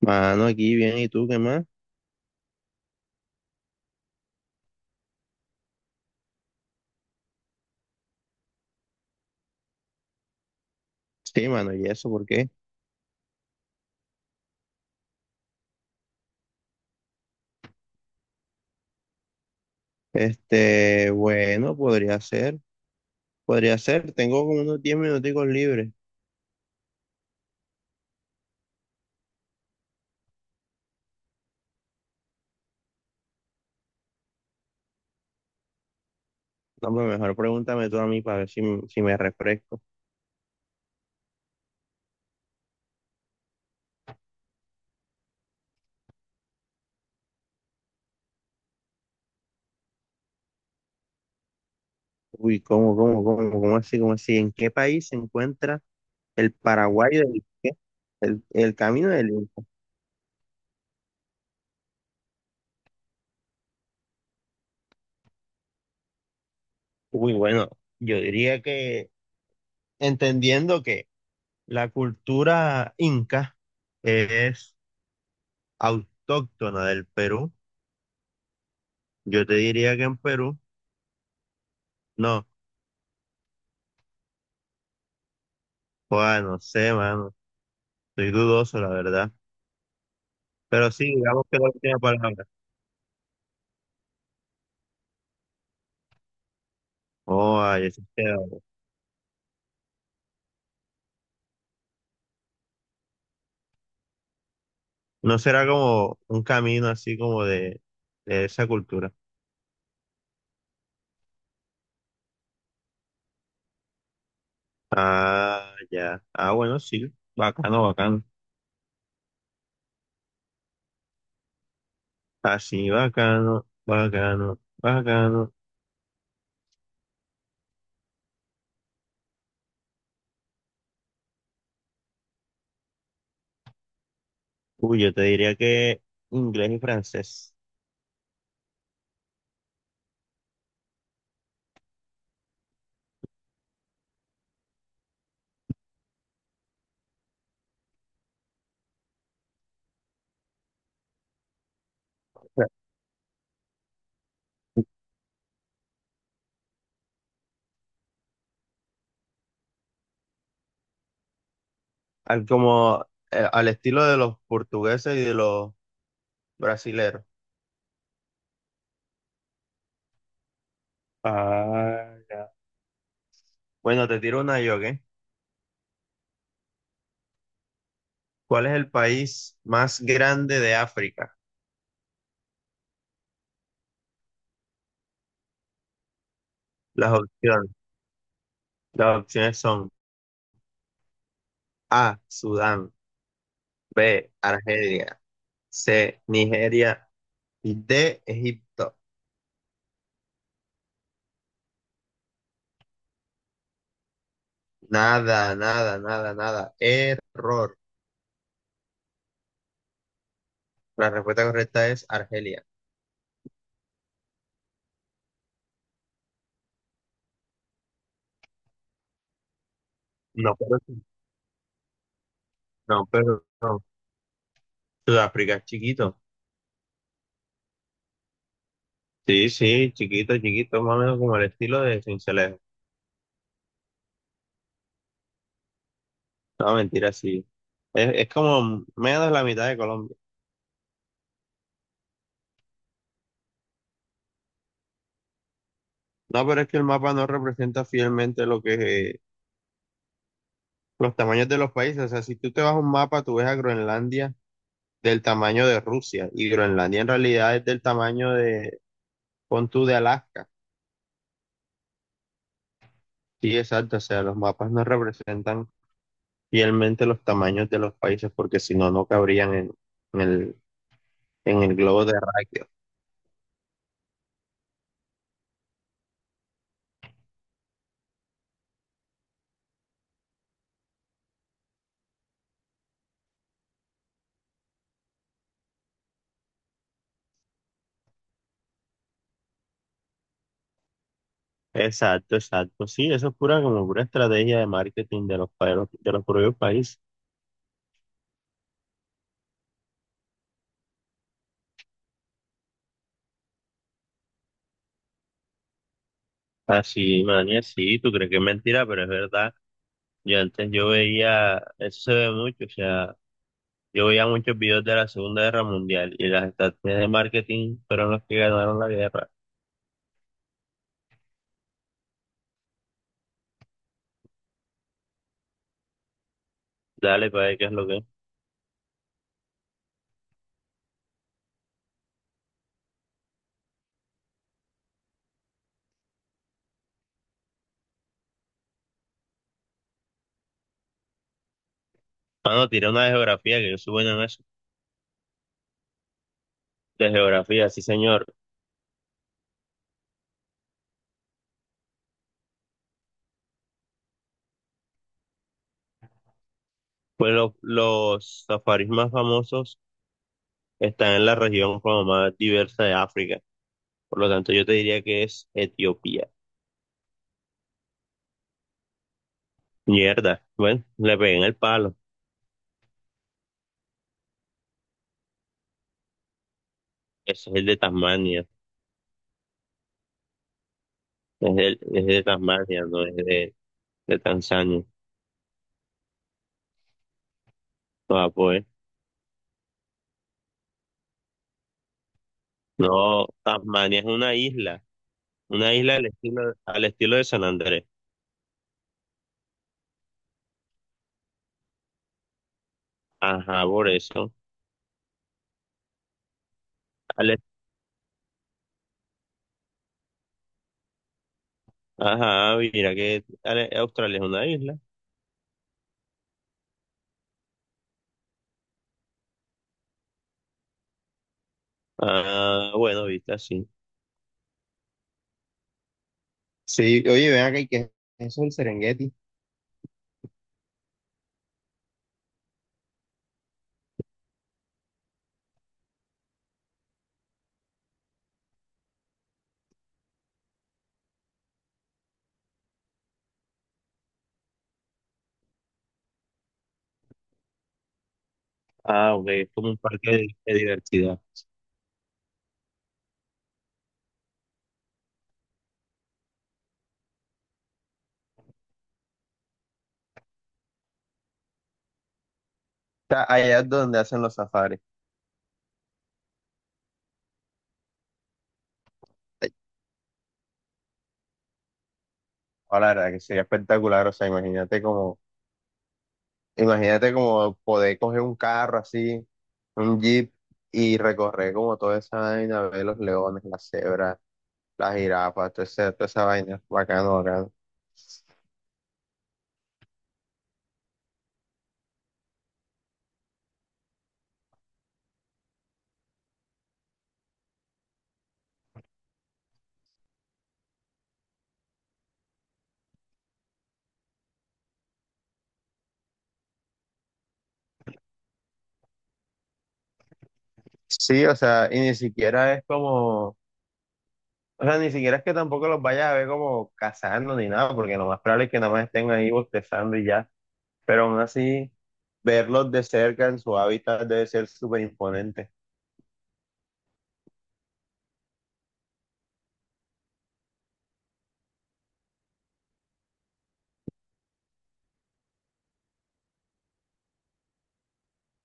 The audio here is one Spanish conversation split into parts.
Mano, aquí bien, ¿y tú qué más? Sí, mano, ¿y eso por qué? Bueno, podría ser, tengo como unos 10 minuticos libres. No, pues mejor pregúntame tú a mí para ver si me refresco. Uy, ¿cómo así? ¿En qué país se encuentra el Paraguay del qué? El camino del Inca. Uy, bueno, yo diría que entendiendo que la cultura inca es autóctona del Perú, yo te diría que en Perú. No, joder, no sé, mano. Estoy dudoso, la verdad. Pero sí, digamos que la última palabra. Oh, ay, eso queda. No será como un camino así como de esa cultura. Ah, ya. Ah, bueno, sí. Bacano, bacano. Así, bacano, bacano, bacano. Uy, yo te diría que inglés y francés. Al, como al estilo de los portugueses y de los brasileros. Ah, ya. Bueno, te tiro una yo, ¿ok? ¿Cuál es el país más grande de África? Las opciones, las opciones son A, Sudán; B, Argelia; C, Nigeria; y D, Egipto. Nada, nada, nada, nada. Error. La respuesta correcta es Argelia. No, pero sí, no, pero no. Sudáfrica es chiquito. Sí, sí, chiquito, chiquito, más o menos como el estilo de Sincelejo. No, mentira, sí. Es como menos de la mitad de Colombia. No, pero es que el mapa no representa fielmente lo que los tamaños de los países, o sea, si tú te vas a un mapa, tú ves a Groenlandia del tamaño de Rusia, y Groenlandia en realidad es del tamaño de, pon tú, de Alaska. Sí, exacto, o sea, los mapas no representan fielmente los tamaños de los países porque si no, no cabrían en en el globo terráqueo. Exacto, exacto, sí, eso es pura como pura estrategia de marketing de los, de de los propios países. Así, manía, sí, tú crees que es mentira, pero es verdad. Yo antes yo veía, eso se ve mucho, o sea, yo veía muchos videos de la Segunda Guerra Mundial y las estrategias de marketing fueron los que ganaron la guerra. Dale, para ver qué es lo que es. Mano, tiré una de geografía, que yo soy bueno en eso. De geografía, sí, señor. Pues los safaris más famosos están en la región como más diversa de África. Por lo tanto, yo te diría que es Etiopía. Mierda. Bueno, le pegué en el palo. Ese es el de Tasmania. Es, el, es de Tasmania, no es de Tanzania. No, pues. No, Tasmania es una isla. Una isla al estilo de San Andrés. Ajá, por eso. Al est- ajá, mira que Australia es una isla. Ah, bueno, viste así. Sí, oye, ven acá, ¿y qué es eso el Serengeti? Ah, ok, es como un parque de diversidad. O sea, allá es donde hacen los safaris. Ahora, la verdad que sería espectacular, o sea, imagínate como poder coger un carro así, un jeep, y recorrer como toda esa vaina, ver los leones, las cebras, las jirafas, toda esa vaina, bacano, bacano. Sí, o sea, y ni siquiera es como, o sea, ni siquiera es que tampoco los vayas a ver como cazando ni nada, porque lo más probable es que nada más estén ahí bostezando y ya, pero aún así, verlos de cerca en su hábitat debe ser súper imponente.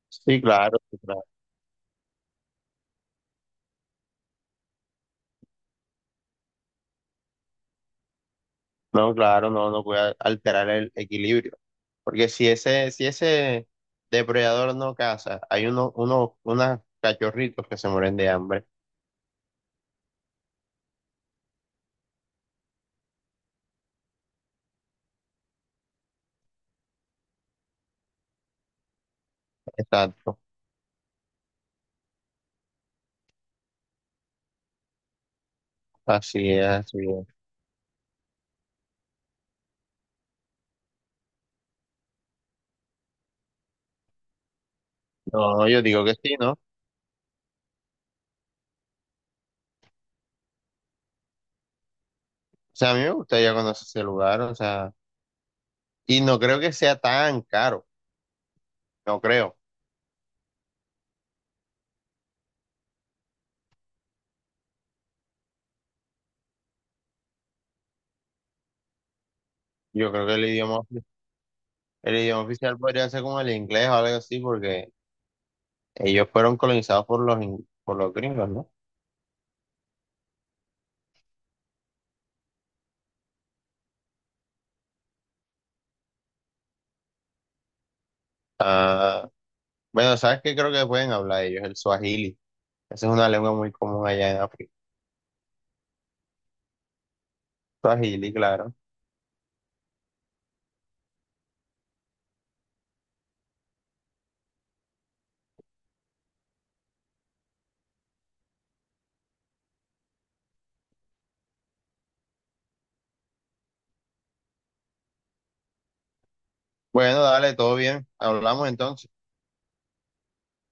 Sí, claro, sí, claro. No, claro, no, no puede alterar el equilibrio, porque si ese depredador no caza, hay unos cachorritos que se mueren de hambre. Exacto, así es, así es. No, yo digo que sí, ¿no? O sea, a mí me gustaría conocer ese lugar, o sea, y no creo que sea tan caro, no creo. Yo creo que el idioma, el idioma oficial podría ser como el inglés o algo así, porque ellos fueron colonizados por por los gringos, ¿no? Ah, bueno, ¿sabes qué creo que pueden hablar ellos? El swahili. Esa es una lengua muy común allá en África. Swahili, claro. Bueno, dale, todo bien. Hablamos entonces.